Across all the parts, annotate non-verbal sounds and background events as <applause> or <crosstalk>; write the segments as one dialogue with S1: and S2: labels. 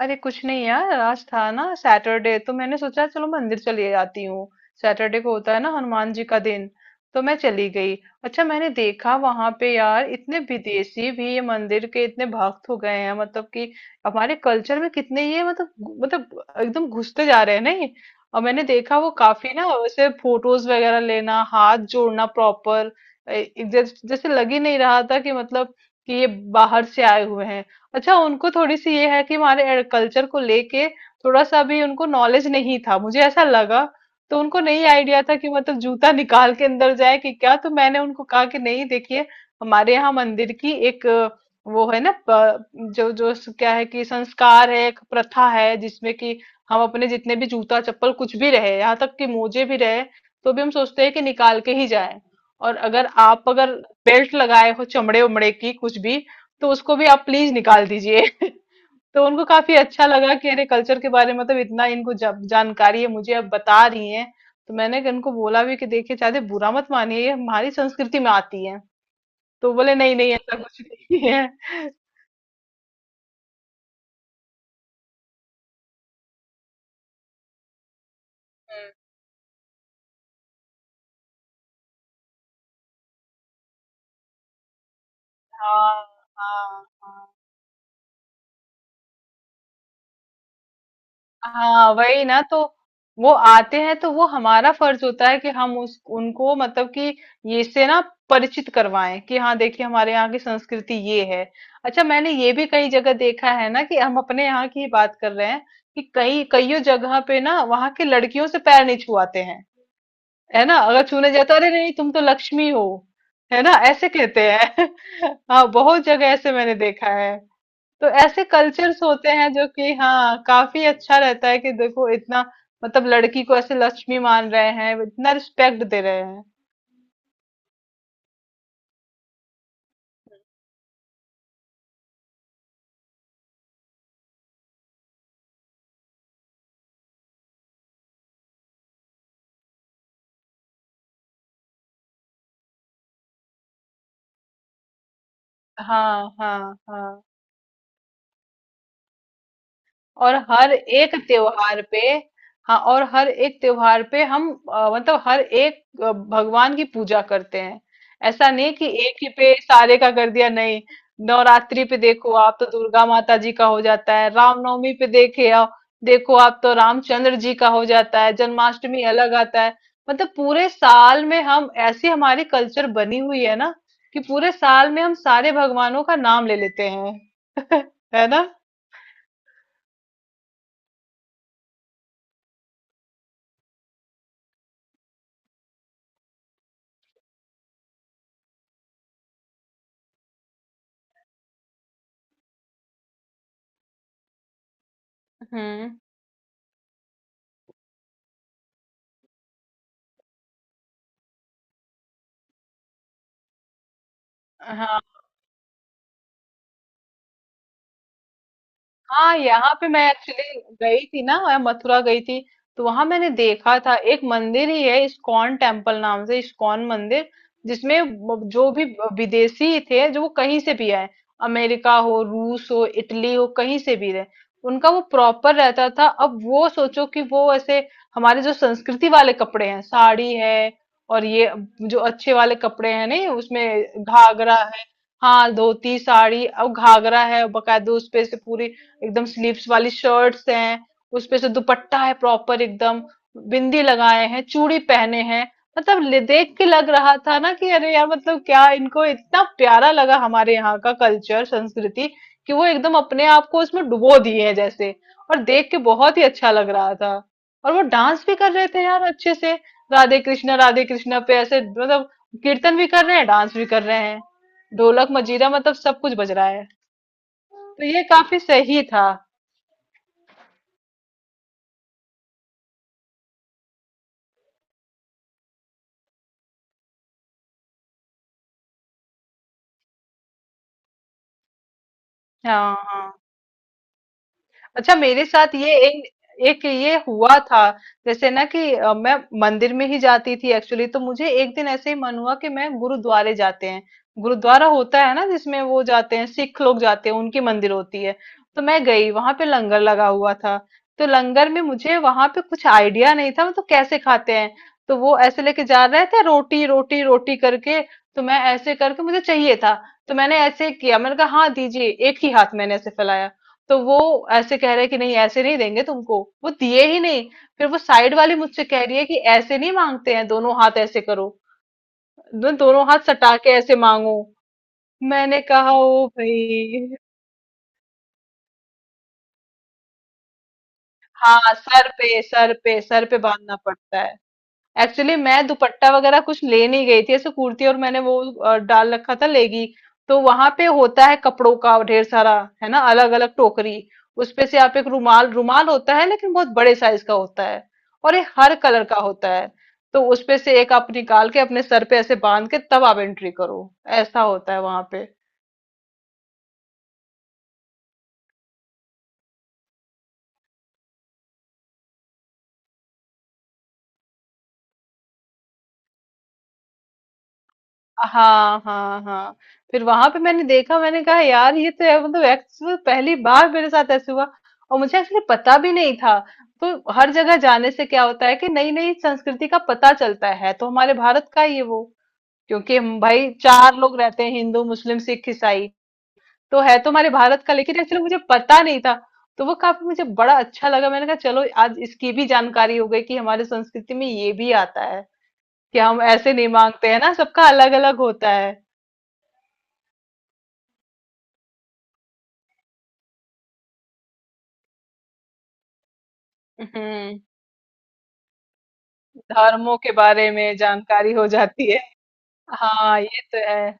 S1: अरे कुछ नहीं यार, आज था ना सैटरडे, तो मैंने सोचा चलो मंदिर चली जाती हूँ। सैटरडे को होता है ना हनुमान जी का दिन। तो मैं चली गई। अच्छा, मैंने देखा वहां पे यार इतने विदेशी भी ये मंदिर के इतने भक्त हो गए हैं, मतलब कि हमारे कल्चर में कितने ये मतलब एकदम घुसते जा रहे हैं, नहीं। और मैंने देखा वो काफी ना, वैसे फोटोज वगैरह लेना, हाथ जोड़ना प्रॉपर। जैसे जैसे लग ही नहीं रहा था कि मतलब कि ये बाहर से आए हुए हैं। अच्छा, उनको थोड़ी-सी ये है कि हमारे कल्चर को लेके थोड़ा-सा भी उनको नॉलेज नहीं था, मुझे ऐसा लगा। तो उनको नहीं आईडिया था कि मतलब जूता निकाल के अंदर जाए कि क्या, तो मैंने उनको कहा कि नहीं देखिए, हमारे यहाँ मंदिर की एक वो है ना प जो जो स क्या है कि संस्कार है, एक प्रथा है जिसमें कि हम अपने जितने भी जूता-चप्पल कुछ भी रहे, यहाँ तक कि मोजे भी रहे, तो भी हम सोचते हैं कि निकाल के ही जाएँ। और अगर बेल्ट लगाए हो चमड़े-वमड़े की कुछ भी, तो उसको भी आप प्लीज निकाल दीजिए <laughs> तो उनको काफी अच्छा लगा कि अरे कल्चर के बारे में मतलब इतना इनको जानकारी है, मुझे अब बता रही हैं। तो मैंने इनको बोला भी कि देखिए, चाहते बुरा मत मानिए, ये हमारी संस्कृति में आती है। तो बोले नहीं नहीं, ऐसा कुछ नहीं है <laughs> हम्म, हाँ हाँ। हाँ हाँ, वही ना। तो वो आते हैं तो वो हमारा फर्ज होता है कि हम उस उनको मतलब कि ये से ना परिचित करवाएं कि हाँ देखिए, हमारे यहाँ की संस्कृति ये है। अच्छा, मैंने ये भी कई जगह देखा है ना कि हम अपने यहाँ की ही बात कर रहे हैं कि कई कईयों जगह पे ना वहाँ की लड़कियों से पैर नहीं छुआते हैं। है ना, अगर छूने जाता, अरे नहीं तुम तो लक्ष्मी हो, है ना, ऐसे कहते हैं। <laughs> हाँ, बहुत जगह ऐसे मैंने देखा है। तो ऐसे कल्चर्स होते हैं जो कि हाँ, काफी अच्छा रहता है कि देखो इतना मतलब लड़की को ऐसे लक्ष्मी मान रहे हैं, इतना रिस्पेक्ट दे रहे हैं। हाँ हाँ। हाँ और हर एक त्योहार पे हाँ, और हर एक त्योहार पे हम मतलब हर एक भगवान की पूजा करते हैं। ऐसा नहीं कि एक ही पे सारे का कर दिया, नहीं। नवरात्रि पे देखो आप तो दुर्गा माता जी का हो जाता है, रामनवमी पे देखे आप देखो आप तो रामचंद्र जी का हो जाता है, जन्माष्टमी अलग आता है। मतलब पूरे साल में हम ऐसी हमारी कल्चर बनी हुई है ना कि पूरे साल में हम सारे भगवानों का नाम ले लेते हैं <laughs> है ना। हम्म, हाँ हाँ। यहाँ पे मैं एक्चुअली गई थी ना, मैं मथुरा गई थी। तो वहां मैंने देखा था, एक मंदिर ही है इस्कॉन टेम्पल नाम से, इस्कॉन मंदिर, जिसमें जो भी विदेशी थे, जो वो कहीं से भी आए, अमेरिका हो, रूस हो, इटली हो, कहीं से भी रहे, उनका वो प्रॉपर रहता था। अब वो सोचो कि वो ऐसे हमारे जो संस्कृति वाले कपड़े हैं, साड़ी है और ये जो अच्छे वाले कपड़े हैं नहीं, उसमें घाघरा है। हाँ धोती साड़ी, अब घाघरा है बकायदे, उस पे से पूरी एकदम स्लीव्स वाली शर्ट्स हैं, उसपे से दुपट्टा है प्रॉपर एकदम, बिंदी लगाए हैं, चूड़ी पहने हैं। मतलब देख के लग रहा था ना कि अरे यार, मतलब क्या इनको इतना प्यारा लगा हमारे यहाँ का कल्चर संस्कृति, कि वो एकदम अपने आप को उसमें डुबो दिए हैं जैसे। और देख के बहुत ही अच्छा लग रहा था। और वो डांस भी कर रहे थे यार अच्छे से। राधे कृष्णा पे ऐसे मतलब कीर्तन भी कर रहे हैं, डांस भी कर रहे हैं, ढोलक मजीरा मतलब सब कुछ बज रहा है। तो ये काफी सही था। हाँ हाँ। अच्छा, मेरे साथ ये एक एक ये हुआ था। जैसे ना कि मैं मंदिर में ही जाती थी एक्चुअली, तो मुझे एक दिन ऐसे ही मन हुआ कि मैं गुरुद्वारे जाते हैं। गुरुद्वारा होता है ना जिसमें वो जाते हैं, सिख लोग जाते हैं, उनकी मंदिर होती है। तो मैं गई, वहां पे लंगर लगा हुआ था। तो लंगर में मुझे वहां पे कुछ आइडिया नहीं था मतलब कैसे खाते हैं। तो वो ऐसे लेके जा रहे थे, रोटी रोटी रोटी करके। तो मैं ऐसे करके, मुझे चाहिए था। तो मैंने ऐसे किया, मैंने कहा हाँ दीजिए, एक ही हाथ मैंने ऐसे फैलाया। तो वो ऐसे कह रहे हैं कि नहीं, ऐसे नहीं देंगे तुमको, वो दिए ही नहीं। फिर वो साइड वाली मुझसे कह रही है कि ऐसे नहीं मांगते हैं, दोनों हाथ ऐसे करो। दोनों हाथ सटा के ऐसे मांगो। मैंने कहा ओ भाई। हाँ, सर पे बांधना पड़ता है। एक्चुअली मैं दुपट्टा वगैरह कुछ ले नहीं गई थी, ऐसे कुर्ती और मैंने वो डाल रखा था लेगी। तो वहां पे होता है कपड़ों का ढेर सारा, है ना, अलग अलग टोकरी। उसपे से आप एक रुमाल, रुमाल होता है लेकिन बहुत बड़े साइज का होता है। और ये हर कलर का होता है। तो उसपे से एक आप निकाल के अपने सर पे ऐसे बांध के तब आप एंट्री करो। ऐसा होता है वहां पे। हाँ हाँ हाँ। फिर वहां पे मैंने देखा, मैंने कहा यार ये तो है मतलब, एक्चुअली पहली बार मेरे साथ ऐसे हुआ। और मुझे एक्चुअली पता भी नहीं था। तो हर जगह जाने से क्या होता है कि नई नई संस्कृति का पता चलता है। तो हमारे भारत का ही है वो, क्योंकि हम भाई चार लोग रहते हैं, हिंदू मुस्लिम सिख ईसाई। तो है तो हमारे भारत का, लेकिन एक्चुअली मुझे पता नहीं था। तो वो काफी मुझे बड़ा अच्छा लगा, मैंने कहा चलो आज इसकी भी जानकारी हो गई कि हमारे संस्कृति में ये भी आता है कि हम ऐसे नहीं मांगते हैं ना, सबका अलग अलग होता है। हम्म, धर्मों के बारे में जानकारी हो जाती है। हाँ, ये तो है।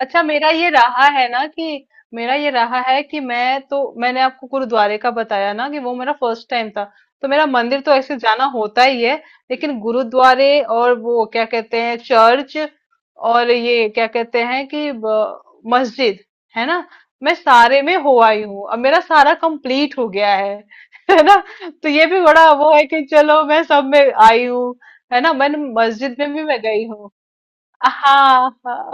S1: अच्छा, मेरा ये रहा है कि मैंने आपको गुरुद्वारे का बताया ना कि वो मेरा फर्स्ट टाइम था। तो मेरा मंदिर तो ऐसे जाना होता ही है, लेकिन गुरुद्वारे और वो क्या कहते हैं चर्च, और ये क्या कहते हैं कि मस्जिद, है ना। मैं सारे में हो आई हूँ, अब मेरा सारा कंप्लीट हो गया है <laughs> है ना। तो ये भी बड़ा वो है कि चलो मैं सब में आई हूँ। है ना, मैंने मस्जिद में भी मैं गई हूँ। हाँ हाँ।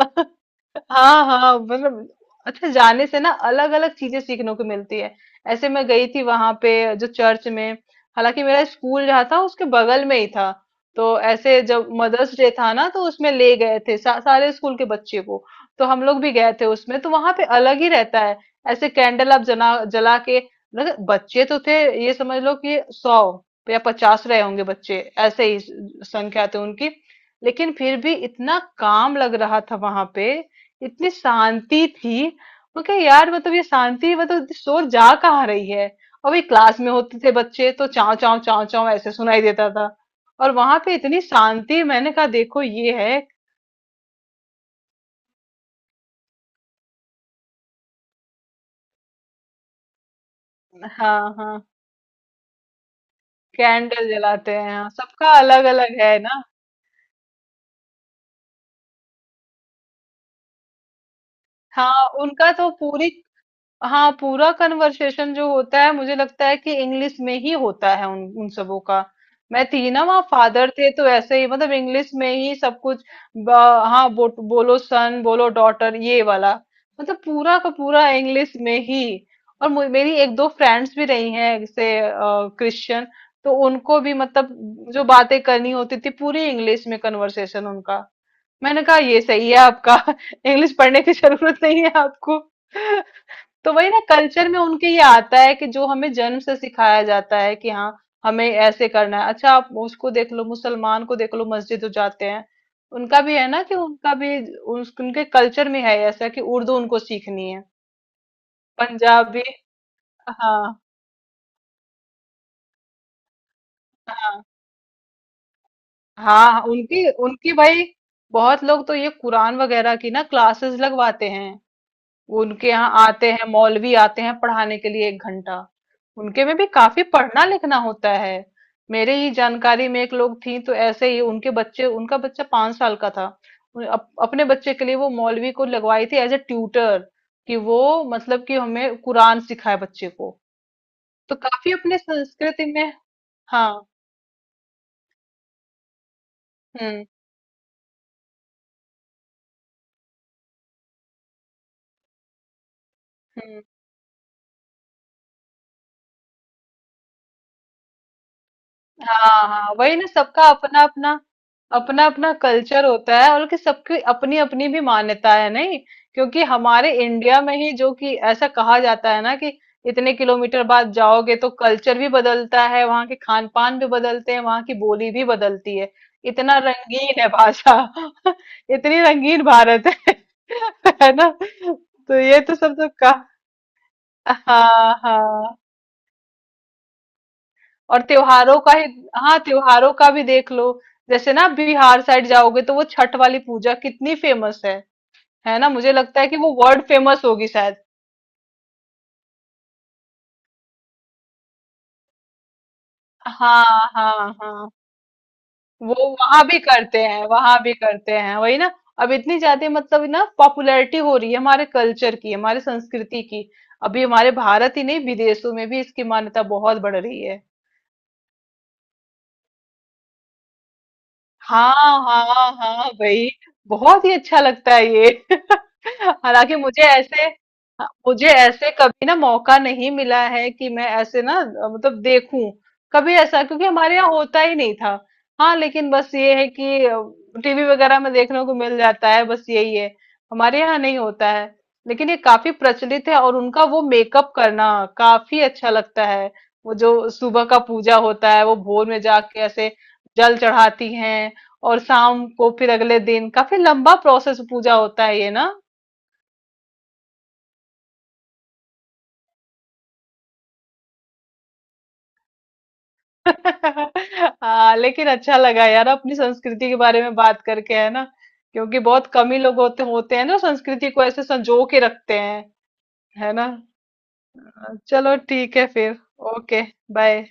S1: हाँ हाँ मतलब, अच्छा जाने से ना अलग अलग चीजें सीखने को मिलती है। ऐसे मैं गई थी वहां पे जो चर्च में, हालांकि मेरा स्कूल जहाँ था उसके बगल में ही था। तो ऐसे जब मदर्स डे था ना तो उसमें ले गए थे सारे स्कूल के बच्चे को। तो हम लोग भी गए थे उसमें, तो वहां पे अलग ही रहता है। ऐसे कैंडल आप जना जला के। मतलब बच्चे तो थे, ये समझ लो कि 100 या 50 रहे होंगे बच्चे, ऐसे ही संख्या थे उनकी। लेकिन फिर भी इतना काम लग रहा था वहां पे, इतनी शांति थी। मैं कहा यार मतलब ये शांति, मतलब इतनी शोर जा कहाँ रही है। और भाई क्लास में होते थे बच्चे तो चाव चाव चाव चाव ऐसे सुनाई देता था। और वहां पे इतनी शांति, मैंने कहा देखो ये है। हाँ हाँ, कैंडल जलाते हैं हाँ, सबका अलग अलग है ना। हाँ उनका तो पूरी हाँ, पूरा कन्वर्सेशन जो होता है मुझे लगता है कि इंग्लिश में ही होता है उन उन सबों का। मैं थी ना, वहाँ फादर थे तो ऐसे ही मतलब इंग्लिश में ही सब कुछ, हाँ, बोलो सन, बोलो डॉटर, ये वाला। मतलब पूरा का पूरा इंग्लिश में ही। और मेरी एक दो फ्रेंड्स भी रही हैं, जैसे क्रिश्चियन। तो उनको भी मतलब जो बातें करनी होती थी पूरी इंग्लिश में कन्वर्सेशन उनका। मैंने कहा ये सही है आपका <laughs> इंग्लिश पढ़ने की जरूरत नहीं है आपको <laughs> तो वही ना, कल्चर में उनके ये आता है कि जो हमें जन्म से सिखाया जाता है कि हाँ हमें ऐसे करना है। अच्छा, आप उसको देख लो, मुसलमान को देख लो, मस्जिद जो जाते हैं, उनका भी है ना कि उनका भी उनके कल्चर में है ऐसा कि उर्दू उनको सीखनी है। पंजाबी। हाँ हाँ हाँ, उनकी उनकी भाई बहुत लोग तो ये कुरान वगैरह की ना क्लासेस लगवाते हैं। उनके यहाँ आते हैं, मौलवी आते हैं पढ़ाने के लिए 1 घंटा। उनके में भी काफी पढ़ना लिखना होता है। मेरे ही जानकारी में एक लोग थी, तो ऐसे ही उनके बच्चे उनका बच्चा 5 साल का था। अपने बच्चे के लिए वो मौलवी को लगवाई थी एज ए ट्यूटर, कि वो मतलब कि हमें कुरान सिखाए बच्चे को। तो काफी अपने संस्कृति में। हाँ। हम्म हम्म। हाँ हाँ, वही ना, सबका अपना अपना अपना अपना कल्चर होता है और कि सबकी अपनी अपनी भी मान्यता है, नहीं। क्योंकि हमारे इंडिया में ही जो कि ऐसा कहा जाता है ना कि इतने किलोमीटर बाद जाओगे तो कल्चर भी बदलता है, वहाँ के खान पान भी बदलते हैं, वहाँ की बोली भी बदलती है। इतना रंगीन है भाषा <laughs> इतनी रंगीन भारत है <laughs> है ना। तो ये तो सब तो का। हाँ हाँ। और त्योहारों का ही हाँ, त्योहारों का भी देख लो। जैसे ना बिहार साइड जाओगे तो वो छठ वाली पूजा कितनी फेमस है ना। मुझे लगता है कि वो वर्ल्ड फेमस होगी शायद। हाँ हाँ हाँ, वो वहां भी करते हैं, वही ना। अब इतनी ज्यादा मतलब ना पॉपुलैरिटी हो रही है हमारे कल्चर की, हमारे संस्कृति की। अभी हमारे भारत ही नहीं विदेशों में भी इसकी मान्यता बहुत बढ़ रही है। हाँ, हाँ, हाँ, वही। बहुत ही अच्छा लगता है ये <laughs> हालांकि मुझे ऐसे हाँ, मुझे ऐसे कभी ना मौका नहीं मिला है कि मैं ऐसे ना मतलब देखूं कभी ऐसा, क्योंकि हमारे यहाँ होता ही नहीं था। हाँ, लेकिन बस ये है कि टीवी वगैरह में देखने को मिल जाता है, बस यही है, हमारे यहाँ नहीं होता है। लेकिन ये काफी प्रचलित है, और उनका वो मेकअप करना काफी अच्छा लगता है। वो जो सुबह का पूजा होता है वो भोर में जाके ऐसे जल चढ़ाती हैं, और शाम को फिर अगले दिन काफी लंबा प्रोसेस पूजा होता है ये ना। <laughs> हाँ, लेकिन अच्छा लगा यार, अपनी संस्कृति के बारे में बात करके, है ना, क्योंकि बहुत कम ही लोग होते होते हैं ना संस्कृति को ऐसे संजो के रखते हैं। है ना, चलो ठीक है फिर। Okay bye.